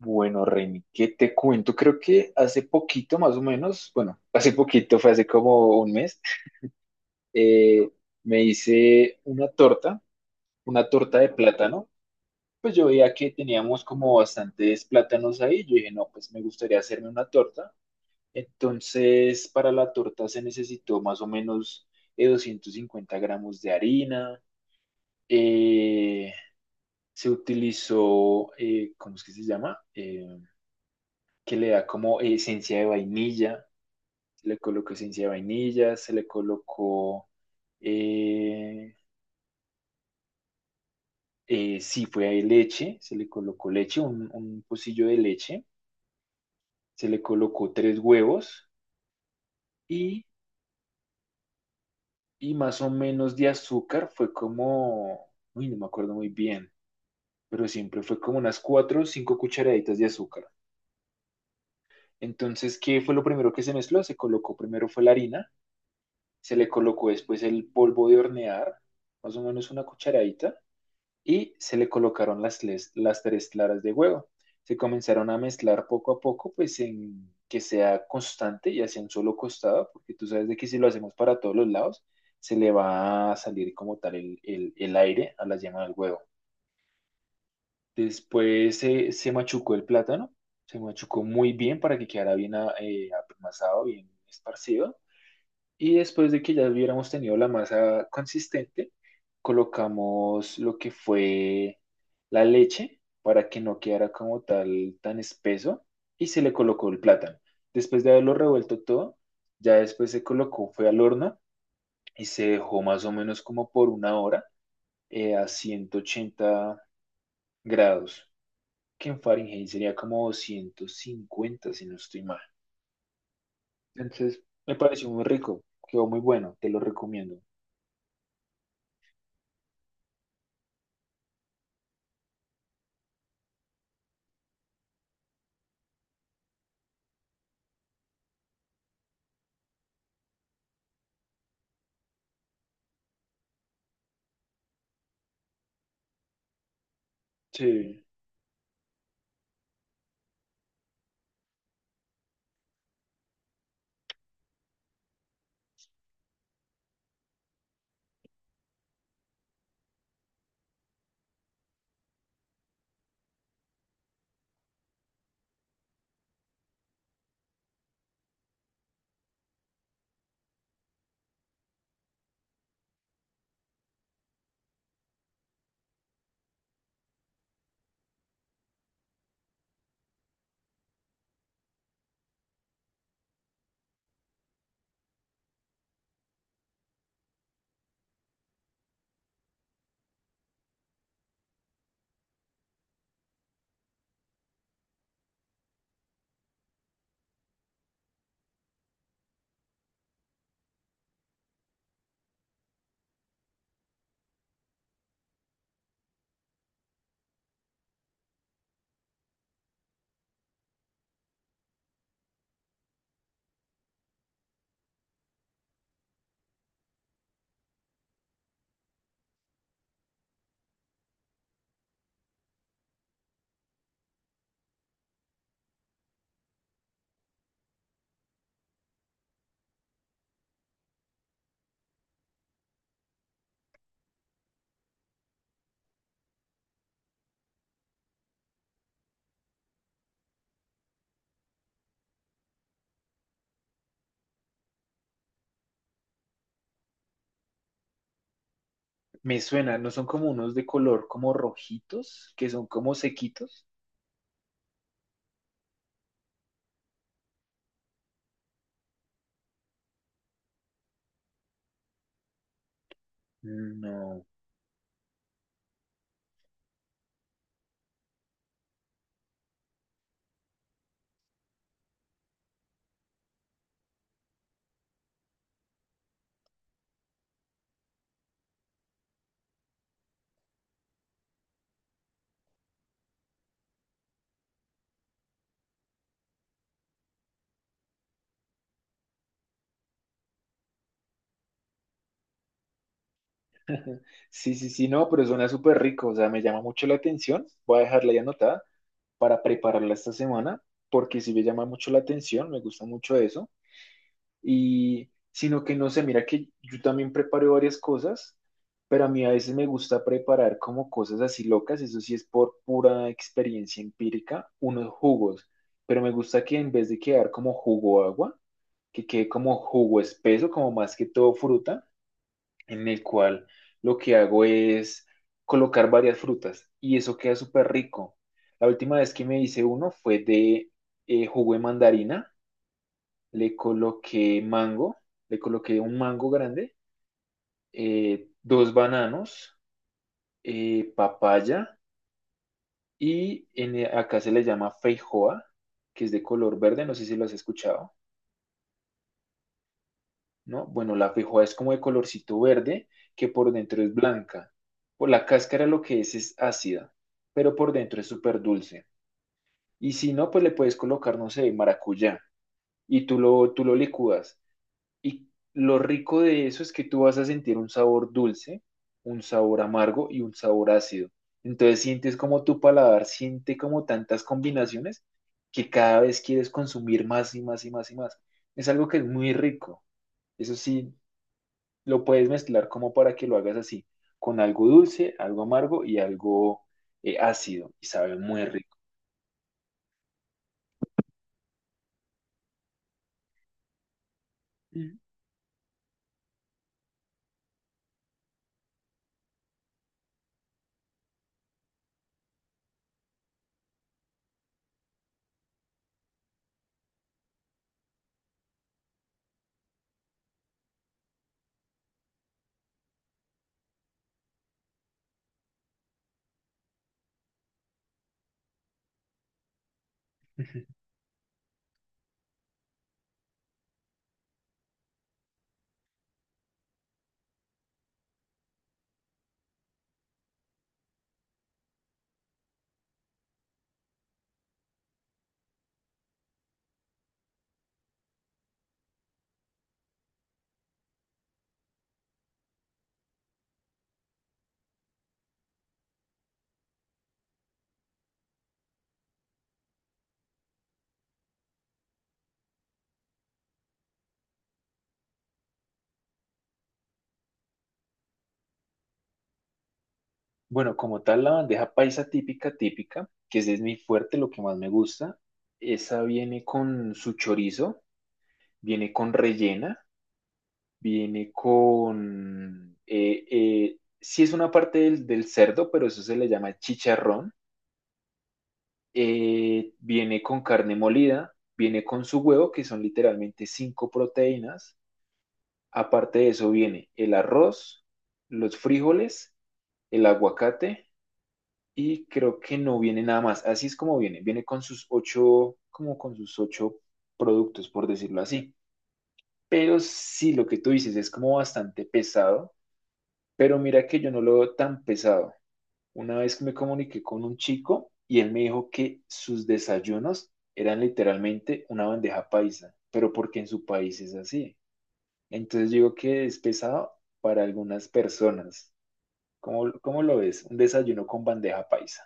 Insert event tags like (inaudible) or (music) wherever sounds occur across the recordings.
Bueno, Reni, ¿qué te cuento? Creo que hace poquito, más o menos, (laughs) hace poquito, fue hace como un mes. eh, Me hice una torta de plátano. Pues yo veía que teníamos como bastantes plátanos ahí. Yo dije, no, pues me gustaría hacerme una torta. Entonces, para la torta se necesitó más o menos 250 gramos de harina. eh, Se utilizó, ¿cómo es que se llama? Que le da como esencia de vainilla. Se le colocó esencia de vainilla, se le colocó, eh, sí, fue ahí leche, se le colocó leche, un pocillo de leche, se le colocó tres huevos, y, y más o menos de azúcar fue como, uy, no me acuerdo muy bien, pero siempre fue como unas cuatro o cinco cucharaditas de azúcar. Entonces, ¿qué fue lo primero que se mezcló? Se colocó primero fue la harina, se le colocó después el polvo de hornear, más o menos una cucharadita, y se le colocaron las tres claras de huevo. Se comenzaron a mezclar poco a poco, pues en que sea constante y hacia un solo costado, porque tú sabes de que si lo hacemos para todos los lados, se le va a salir como tal el aire a la yema del huevo. Después se machucó el plátano, se machucó muy bien para que quedara bien apelmazado, bien esparcido. Y después de que ya hubiéramos tenido la masa consistente, colocamos lo que fue la leche para que no quedara como tal tan espeso, y se le colocó el plátano. Después de haberlo revuelto todo, ya después se colocó, fue al horno y se dejó más o menos como por una hora a 180 grados, que en Fahrenheit sería como 150 si no estoy mal. Entonces, me pareció muy rico, quedó muy bueno, te lo recomiendo. Sí. Me suena, ¿no son como unos de color como rojitos, que son como sequitos? No. Sí, sí, sí, no, pero suena súper rico, o sea, me llama mucho la atención. Voy a dejarla ya anotada para prepararla esta semana, porque sí me llama mucho la atención, me gusta mucho eso. Y sino que no sé, mira que yo también preparo varias cosas, pero a mí a veces me gusta preparar como cosas así locas, eso sí es por pura experiencia empírica, unos jugos, pero me gusta que en vez de quedar como jugo agua, que quede como jugo espeso, como más que todo fruta, en el cual lo que hago es colocar varias frutas y eso queda súper rico. La última vez que me hice uno fue de jugo de mandarina, le coloqué mango, le coloqué un mango grande, dos bananos, papaya y acá se le llama feijoa, que es de color verde, no sé si lo has escuchado. ¿No? Bueno, la feijoa es como de colorcito verde, que por dentro es blanca. Por la cáscara lo que es ácida, pero por dentro es súper dulce. Y si no, pues le puedes colocar, no sé, maracuyá, y tú lo licúas. Y lo rico de eso es que tú vas a sentir un sabor dulce, un sabor amargo y un sabor ácido. Entonces sientes como tu paladar siente como tantas combinaciones que cada vez quieres consumir más y más y más y más. Es algo que es muy rico. Eso sí, lo puedes mezclar como para que lo hagas así, con algo dulce, algo amargo y algo ácido, y sabe muy rico. Mm. Ujú. Bueno, como tal, la bandeja paisa típica, típica, que ese es mi fuerte, lo que más me gusta, esa viene con su chorizo, viene con rellena, viene con... sí es una parte del cerdo, pero eso se le llama chicharrón, viene con carne molida, viene con su huevo, que son literalmente 5 proteínas. Aparte de eso viene el arroz, los frijoles, el aguacate, y creo que no viene nada más. Así es como viene. Viene con sus 8, como con sus 8 productos, por decirlo así. Pero sí, lo que tú dices es como bastante pesado, pero mira que yo no lo veo tan pesado. Una vez que me comuniqué con un chico y él me dijo que sus desayunos eran literalmente una bandeja paisa, pero porque en su país es así. Entonces digo que es pesado para algunas personas. ¿Cómo, cómo lo ves? Un desayuno con bandeja paisa.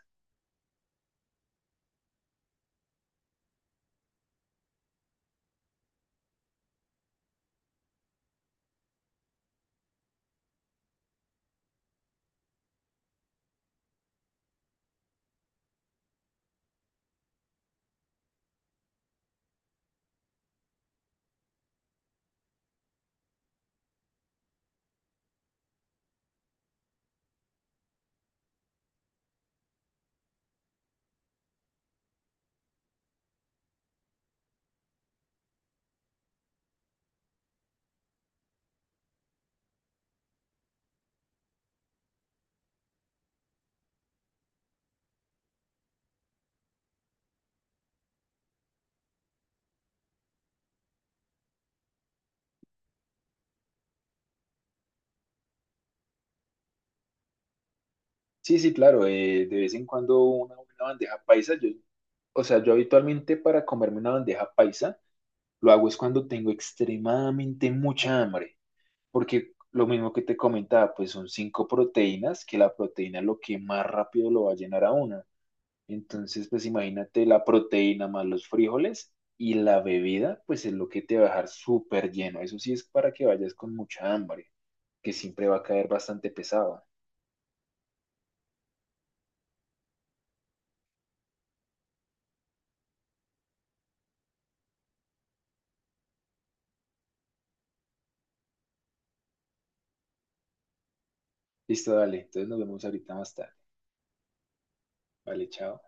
Sí, sí, claro, de vez en cuando una buena bandeja paisa. O sea, yo habitualmente para comerme una bandeja paisa lo hago es cuando tengo extremadamente mucha hambre, porque lo mismo que te comentaba, pues son 5 proteínas, que la proteína es lo que más rápido lo va a llenar a uno. Entonces, pues imagínate la proteína más los frijoles y la bebida, pues es lo que te va a dejar súper lleno. Eso sí es para que vayas con mucha hambre, que siempre va a caer bastante pesado. Listo, dale. Entonces nos vemos ahorita más tarde. Vale, chao.